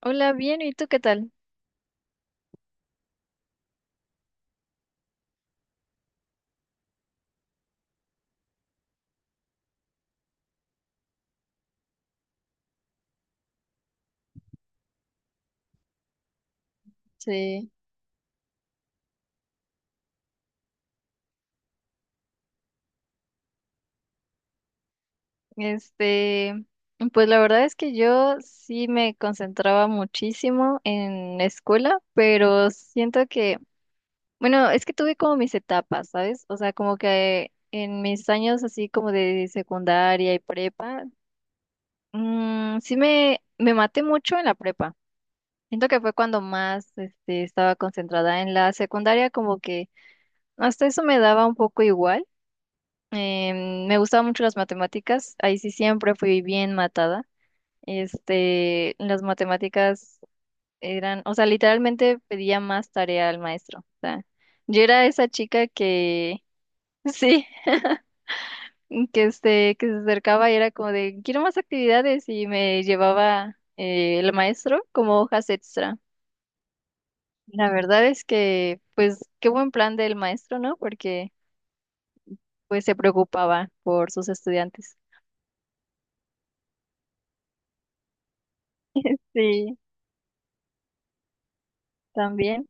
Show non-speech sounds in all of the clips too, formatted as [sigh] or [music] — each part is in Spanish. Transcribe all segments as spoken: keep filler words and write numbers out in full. Hola, bien, ¿y tú qué tal? Sí, este, pues la verdad es que yo sí me concentraba muchísimo en la escuela, pero siento que, bueno, es que tuve como mis etapas, ¿sabes? O sea, como que en mis años así como de secundaria y prepa, mm, sí me, me maté mucho en la prepa. Siento que fue cuando más, este, estaba concentrada en la secundaria, como que hasta eso me daba un poco igual. Em, me gustaban mucho las matemáticas, ahí sí siempre fui bien matada. Este, las matemáticas eran, o sea, literalmente pedía más tarea al maestro. O sea, yo era esa chica que, [laughs] sí, que este, que se acercaba y era como de, quiero más actividades y me llevaba eh, el maestro como hojas extra. La verdad es que, pues, qué buen plan del maestro, ¿no? Porque, pues, se preocupaba por sus estudiantes. Sí, también,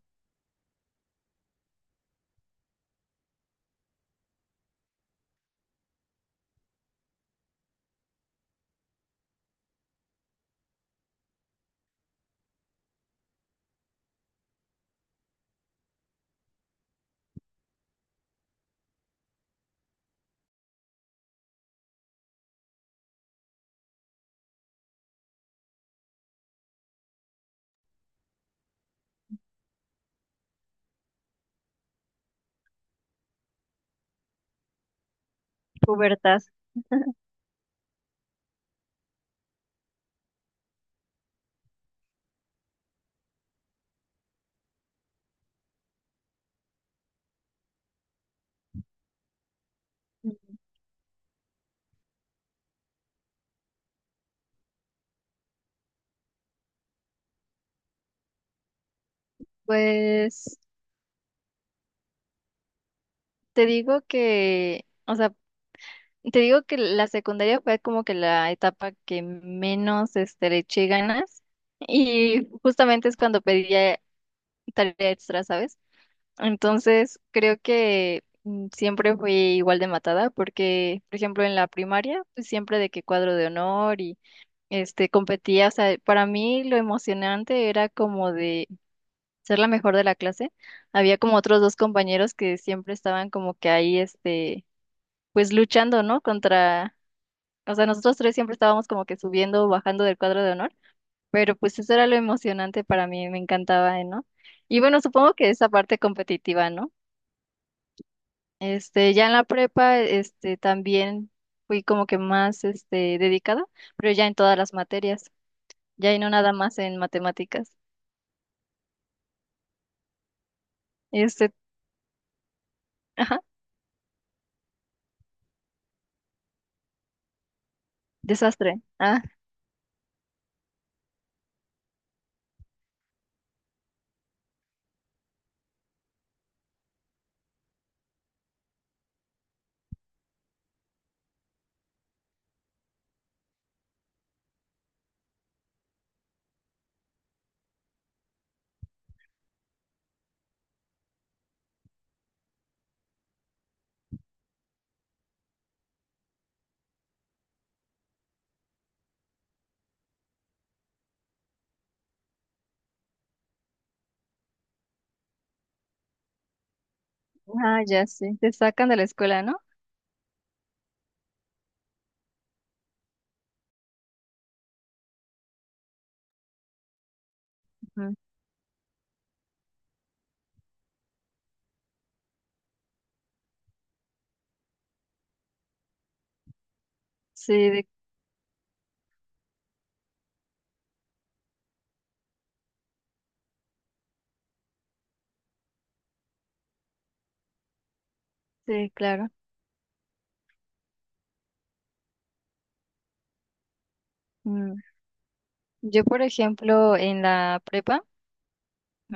pubertad. Pues te digo que, o sea, te digo que la secundaria fue como que la etapa que menos este, le eché ganas y justamente es cuando pedía tarea extra, ¿sabes? Entonces creo que mm, siempre fui igual de matada porque, por ejemplo, en la primaria, pues siempre de que cuadro de honor y este competía, o sea, para mí lo emocionante era como de ser la mejor de la clase, había como otros dos compañeros que siempre estaban como que ahí, este, pues luchando, ¿no? Contra, o sea, nosotros tres siempre estábamos como que subiendo o bajando del cuadro de honor, pero pues eso era lo emocionante para mí, me encantaba, ¿eh, ¿no? Y bueno, supongo que esa parte competitiva, ¿no? Este, ya en la prepa, este, también fui como que más, este, dedicada, pero ya en todas las materias, ya y no nada más en matemáticas. Este, ajá, desastre. Ah, ya sí, te sacan de la escuela, ¿no? Ujú. Sí, de- sí, claro. Mm. Yo, por ejemplo, en la prepa,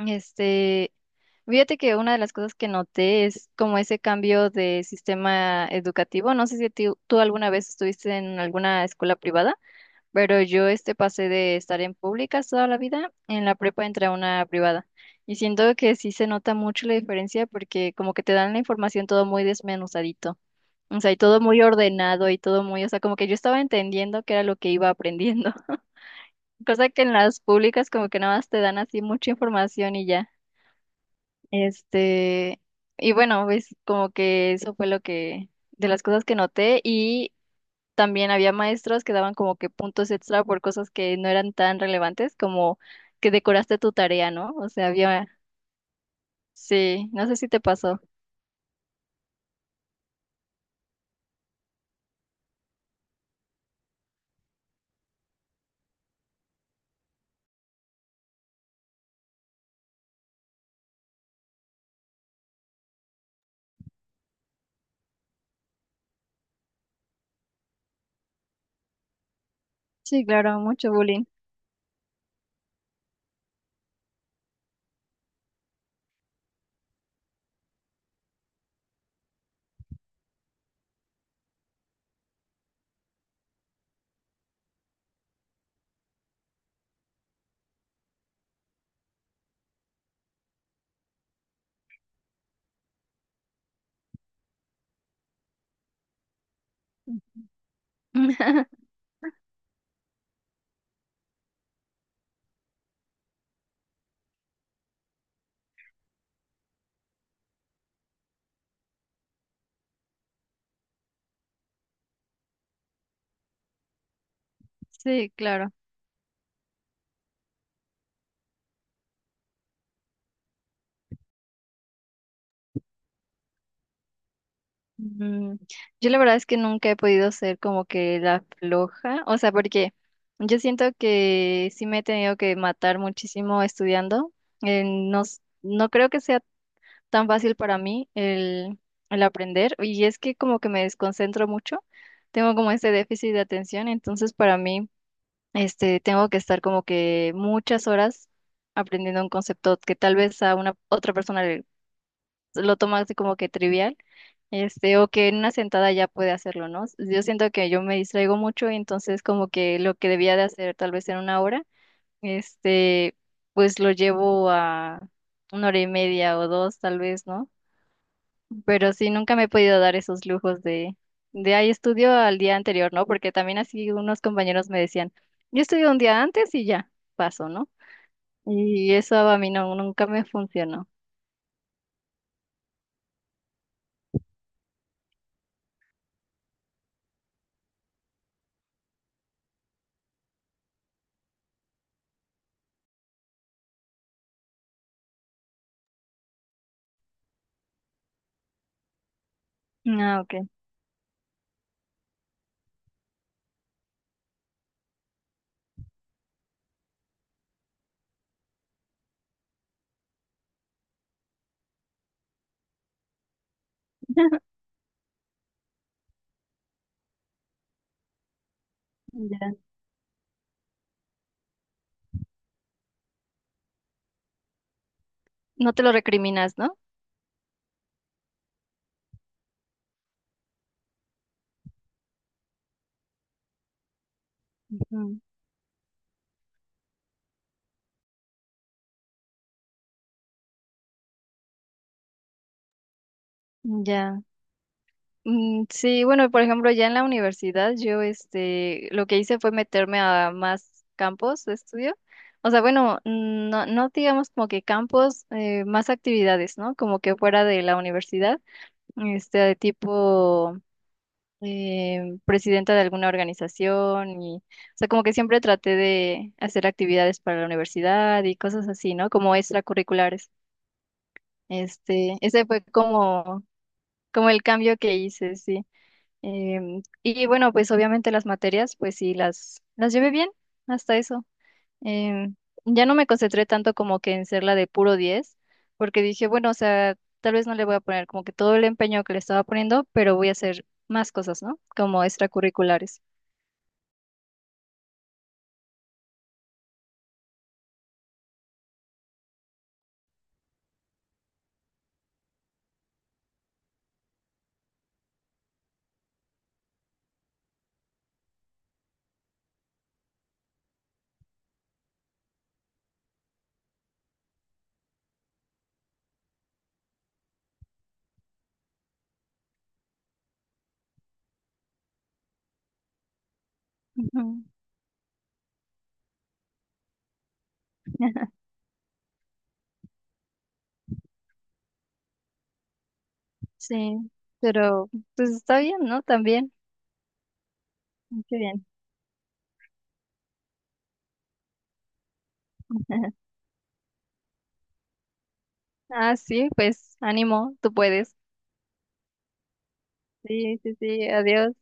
este, fíjate que una de las cosas que noté es como ese cambio de sistema educativo. No sé si ti- tú alguna vez estuviste en alguna escuela privada, pero yo este pasé de estar en públicas toda la vida, en la prepa entré a una privada. Y siento que sí se nota mucho la diferencia porque como que te dan la información todo muy desmenuzadito. O sea, y todo muy ordenado y todo muy, o sea, como que yo estaba entendiendo qué era lo que iba aprendiendo. [laughs] Cosa que en las públicas como que nada más te dan así mucha información y ya. Este, y bueno, pues como que eso fue lo que, de las cosas que noté y también había maestros que daban como que puntos extra por cosas que no eran tan relevantes como que decoraste tu tarea, ¿no? O sea, había, sí, no sé si te pasó. Sí, claro, mucho bullying. [laughs] Sí, claro. Mm, yo la verdad es que nunca he podido ser como que la floja, o sea, porque yo siento que sí me he tenido que matar muchísimo estudiando. Eh, no, s- no creo que sea tan fácil para mí el, el aprender y es que como que me desconcentro mucho, tengo como este déficit de atención, entonces para mí este, tengo que estar como que muchas horas aprendiendo un concepto que tal vez a una otra persona le- lo toma así como que trivial. Este, o que en una sentada ya puede hacerlo, ¿no? Yo siento que yo me distraigo mucho y entonces como que lo que debía de hacer tal vez en una hora, este, pues lo llevo a una hora y media o dos tal vez, ¿no? Pero sí, nunca me he podido dar esos lujos de, de ahí estudio al día anterior, ¿no? Porque también así unos compañeros me decían, yo estudio un día antes y ya, paso, ¿no? Y eso a mí no, nunca me funcionó. Ah, ok. [laughs] Ya. No te lo recriminas, ¿no? Ujú. Ya. Mm, sí, bueno, por ejemplo, ya en la universidad yo este lo que hice fue meterme a más campos de estudio. O sea, bueno, mm, no, no digamos como que campos, eh, más actividades, ¿no? Como que fuera de la universidad, este, de tipo eh, presidenta de alguna organización y, o sea, como que siempre traté de hacer actividades para la universidad y cosas así, ¿no? Como extracurriculares. Este, ese fue como, como el cambio que hice, sí. Em, y bueno, pues obviamente las materias, pues sí, las, las llevé bien hasta eso. Em, ya no me concentré tanto como que en ser la de puro diez porque dije, bueno, o sea, tal vez no le voy a poner como que todo el empeño que le estaba poniendo, pero voy a hacer más cosas, ¿no? Como extracurriculares. Ujú. [laughs] Sí, pero pues está bien, ¿no? También. Qué bien. [laughs] Ah, sí, pues ánimo, tú puedes. Sí, sí, sí, adiós.